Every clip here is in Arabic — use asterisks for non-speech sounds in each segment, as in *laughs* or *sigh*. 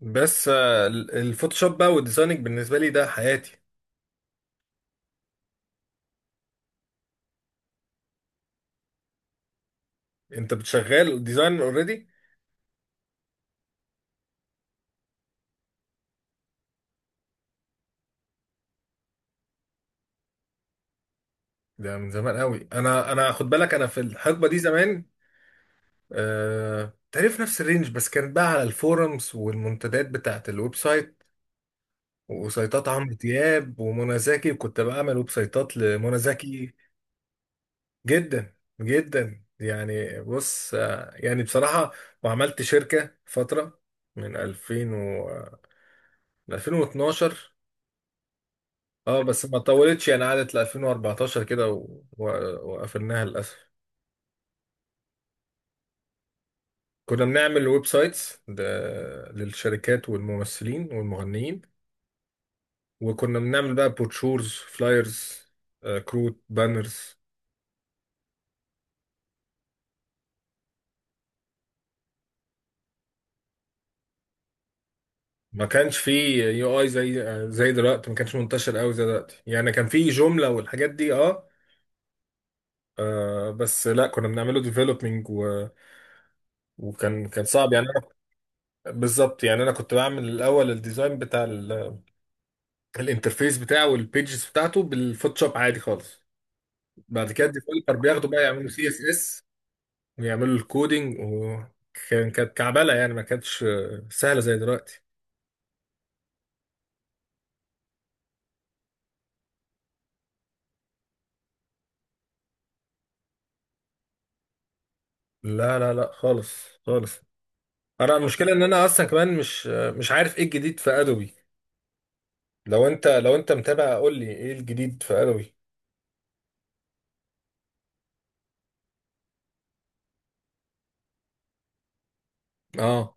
بس الفوتوشوب بقى والديزايننج بالنسبه لي ده حياتي. انت بتشغل ديزاين اوريدي؟ ده من زمان قوي. انا خد بالك، انا في الحقبه دي زمان. تعرف، نفس الرينج بس كانت بقى على الفورums والمنتديات بتاعت الويب سايت وسايتات عمرو دياب ومنى زكي، وكنت بعمل ويب سايتات لمنى زكي. جدا، جدا يعني. بص، يعني بصراحه، وعملت شركه فتره من 2000، و من 2012. اه بس ما طولتش يعني، قعدت ل 2014 كده، وقفلناها للاسف. كنا بنعمل ويب سايتس ده للشركات والممثلين والمغنيين، وكنا بنعمل بقى بروشورز، فلايرز، كروت، بانرز. ما كانش فيه يو اي زي دلوقتي. ما كانش منتشر قوي زي دلوقتي يعني، كان فيه جملة والحاجات دي اه. بس لا، كنا بنعمله ديفلوبينج و... وكان صعب يعني. انا بالظبط يعني، انا كنت بعمل الاول الديزاين بتاع الانترفيس بتاعه والبيجز بتاعته بالفوتوشوب عادي خالص. بعد كده الديفلوبر بياخدوا بقى يعملوا سي اس اس ويعملوا الكودينج. وكان كانت كعبله يعني، ما كانتش سهله زي دلوقتي. لا، لا، لا، خالص خالص. انا المشكله ان انا اصلا كمان مش عارف ايه الجديد في ادوبي. لو انت متابع قول لي ايه الجديد في ادوبي. اه،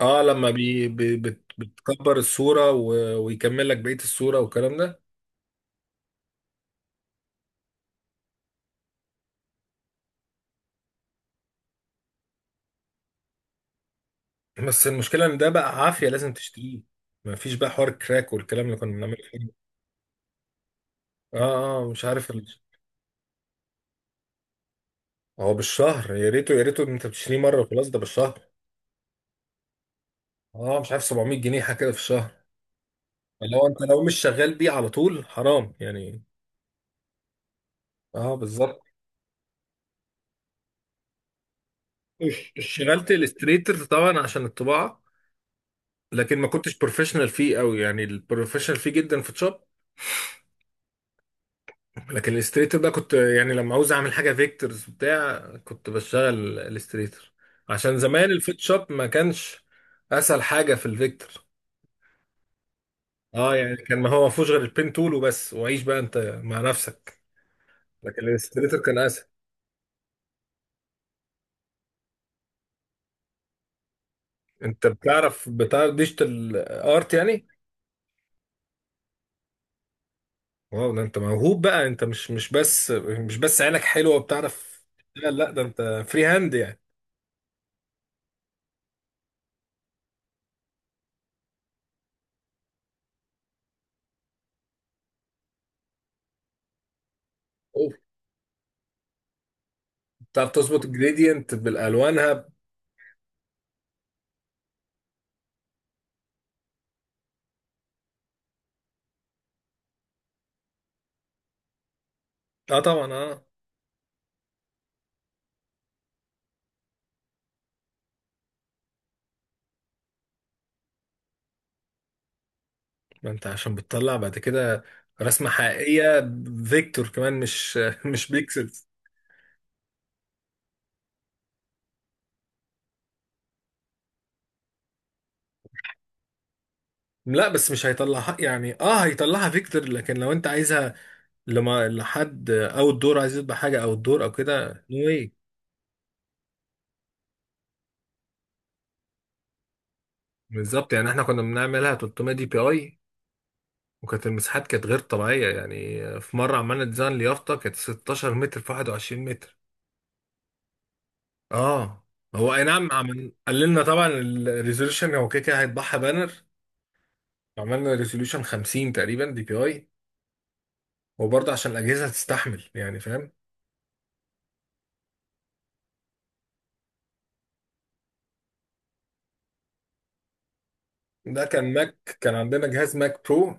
اه، لما بي بي بت بتكبر الصوره ويكمل لك بقيه الصوره والكلام ده. بس المشكلة ان ده بقى عافية، لازم تشتريه. مفيش بقى حوار كراك والكلام اللي كنا بنعمله فيه. اه، اه، مش عارف ال... هو بالشهر. يا ريته، يا ريته انت بتشتريه مرة وخلاص، ده بالشهر. اه مش عارف، 700 جنيه حاجة كده في الشهر. لو انت، لو مش شغال بيه على طول حرام يعني. اه بالظبط. اشتغلت الستريتر طبعا عشان الطباعة. لكن ما كنتش بروفيشنال فيه قوي يعني، البروفيشنال فيه جدا فوتوشوب. لكن الاستريتور بقى كنت يعني، لما عاوز اعمل حاجه فيكتورز بتاع كنت بشتغل الاستريتور، عشان زمان الفوتوشوب ما كانش اسهل حاجه في الفيكتور. اه يعني كان، ما هو ما فيهوش غير البين تول وبس، وعيش بقى انت مع نفسك. لكن الاستريتور كان اسهل. انت بتعرف ديجيتال ارت يعني؟ واو، ده انت موهوب بقى. انت مش بس عينك حلوه وبتعرف. لا، لا، ده انت فري هاند يعني. أوه. بتعرف تظبط الجريدينت بالالوانها. اه طبعا، اه. ما انت عشان بتطلع بعد كده رسمة حقيقية، فيكتور كمان، مش *laughs* مش بيكسلز. لا بس مش هيطلعها يعني. اه هيطلعها فيكتور، لكن لو انت عايزها لما لحد او الدور عايز يطبع حاجة او الدور او كده، نو واي. بالظبط يعني، احنا كنا بنعملها 300 دي بي اي. وكانت المساحات كانت غير طبيعية يعني، في مرة عملنا ديزاين ليافطة كانت 16 متر في 21 متر. اه، هو اي نعم، عمل قللنا طبعا الريزولوشن، هو كده كده هيطبعها بانر. عملنا ريزولوشن 50 تقريبا دي بي اي، وبرضه عشان الأجهزة تستحمل يعني، فاهم؟ ده كان ماك، كان عندنا جهاز ماك برو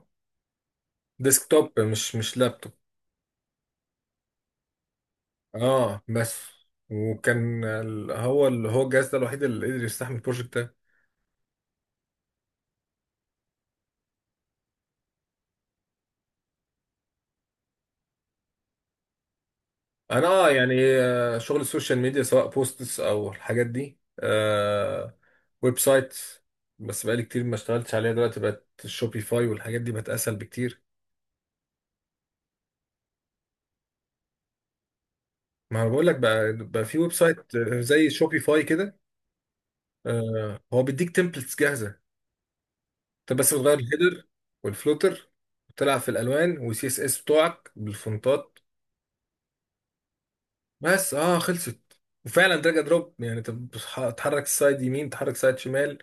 ديسكتوب، مش لابتوب. اه بس، وكان هو اللي هو الجهاز ده الوحيد اللي قدر يستحمل البروجكت ده. انا يعني، شغل السوشيال ميديا سواء بوستس او الحاجات دي. ويب سايت، بس بقالي كتير ما اشتغلتش عليها. دلوقتي بقت شوبيفاي والحاجات دي بقت اسهل بكتير. ما انا بقول لك، بقى في ويب سايت زي شوبيفاي كده. هو بيديك تمبلتس جاهزة، انت بس بتغير الهيدر والفلوتر، وتلعب في الالوان والسي اس اس بتوعك بالفونتات. بس اه، خلصت. وفعلا دراج أند دروب يعني، انت تحرك السايد يمين، تحرك سايد شمال،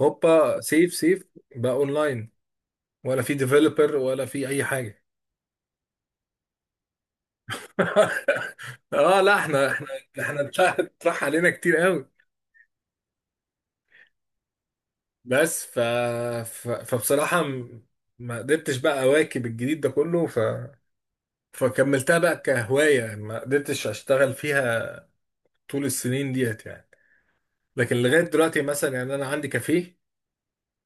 هوبا، سيف سيف. بقى اونلاين، ولا في ديفلوبر ولا في اي حاجه. *laughs* اه لا، احنا، احنا اتراح علينا كتير قوي. بس فبصراحه، ما قدرتش بقى اواكب الجديد ده كله، فكملتها بقى كهوايه، ما قدرتش اشتغل فيها طول السنين ديت يعني. لكن لغايه دلوقتي مثلا يعني، انا عندي كافيه.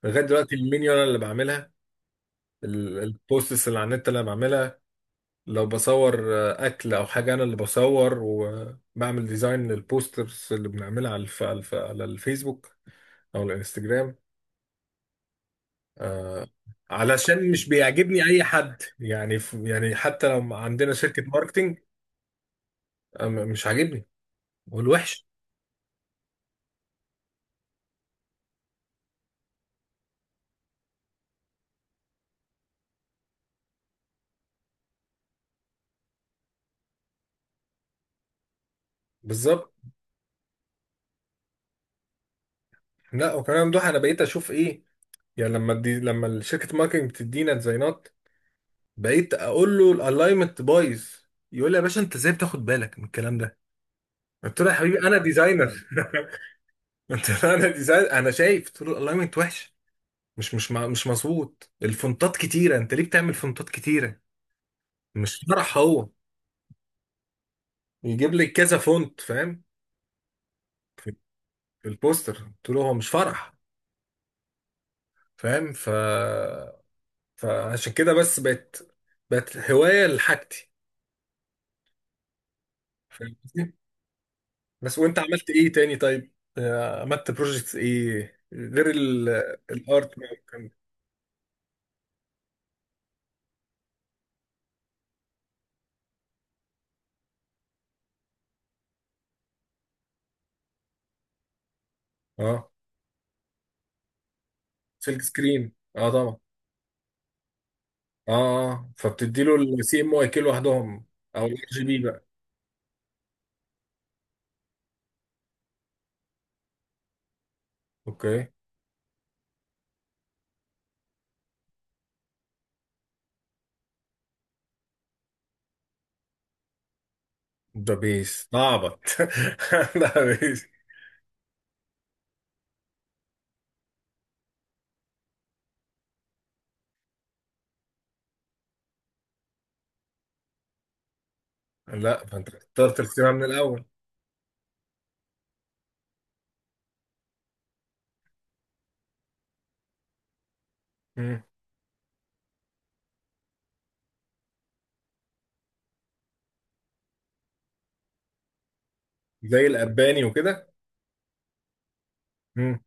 لغايه دلوقتي المنيو انا اللي بعملها، البوستس اللي على النت انا بعملها. لو بصور اكل او حاجه، انا اللي بصور وبعمل ديزاين للبوسترز اللي بنعملها على الفيسبوك او الانستجرام. آه، علشان مش بيعجبني اي حد يعني. يعني حتى لو عندنا شركه ماركتينج، مش عاجبني والوحش. بالظبط. لا، وكمان ممدوح، انا بقيت اشوف ايه يعني. لما الشركه ماركتنج بتدينا ديزاينات بقيت اقول له الالاينمنت بايظ. يقول لي يا باشا، انت ازاي بتاخد بالك من الكلام ده؟ قلت له يا حبيبي انا ديزاينر. *laughs* قلت له انا ديزاينر، انا شايف، قلت له الالاينمنت وحش، مش مظبوط. الفونتات كتيره، انت ليه بتعمل فونتات كتيره؟ مش فرح هو يجيب لي كذا فونت، فاهم؟ في في البوستر قلت له هو مش فرح، فاهم؟ فعشان كده بس بقت هوايه لحاجتي، فاهم؟ بس وانت عملت ايه تاني طيب؟ عملت بروجكتس ايه غير الارت ما كان؟ اه، سلك سكرين، اه طبعا. اه، آه، اه، فبتدي له السي ام واي كي لوحدهم او الار جي بي بقى. اوكي. ده بيس اعبط. *laughs* ده بيس. لا، فانت اخترت الخيار من الاول. مم. زي الاباني وكده. مم.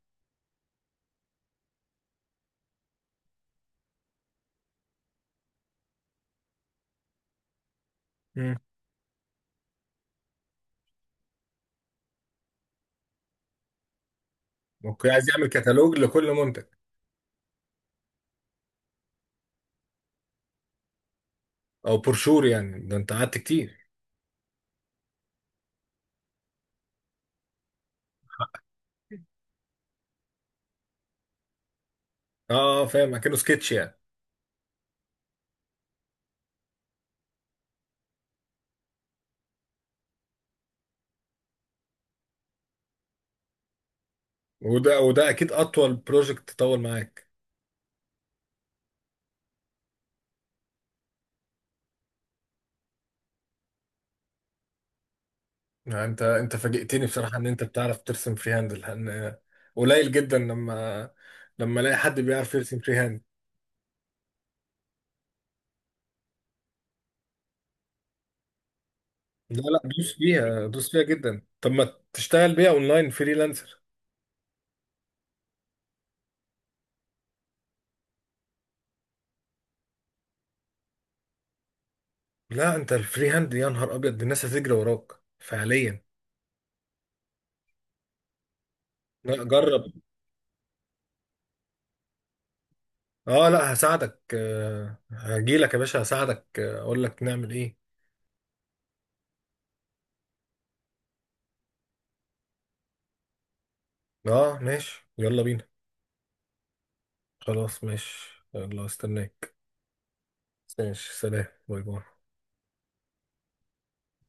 مم. اوكي، عايز يعمل كتالوج لكل منتج. او برشور يعني، ده انت قعدت كتير. اه، فاهم، اكنه سكتش يعني. وده اكيد اطول بروجكت طول معاك. يعني انت فاجئتني بصراحه، ان انت بتعرف ترسم فري هاند، لان قليل جدا لما، الاقي حد بيعرف يرسم فري هاند. لا، لا، دوس فيها دوس فيها جدا. طب ما تشتغل بيها اونلاين فريلانسر؟ لا انت الفري هاند، يا نهار ابيض، دي الناس هتجري وراك فعليا. لا جرب. اه لا، هساعدك، هجيلك يا باشا، هساعدك، اقول لك نعمل ايه. اه ماشي، يلا بينا. خلاص ماشي، يلا استناك. ماشي سلام، باي باي.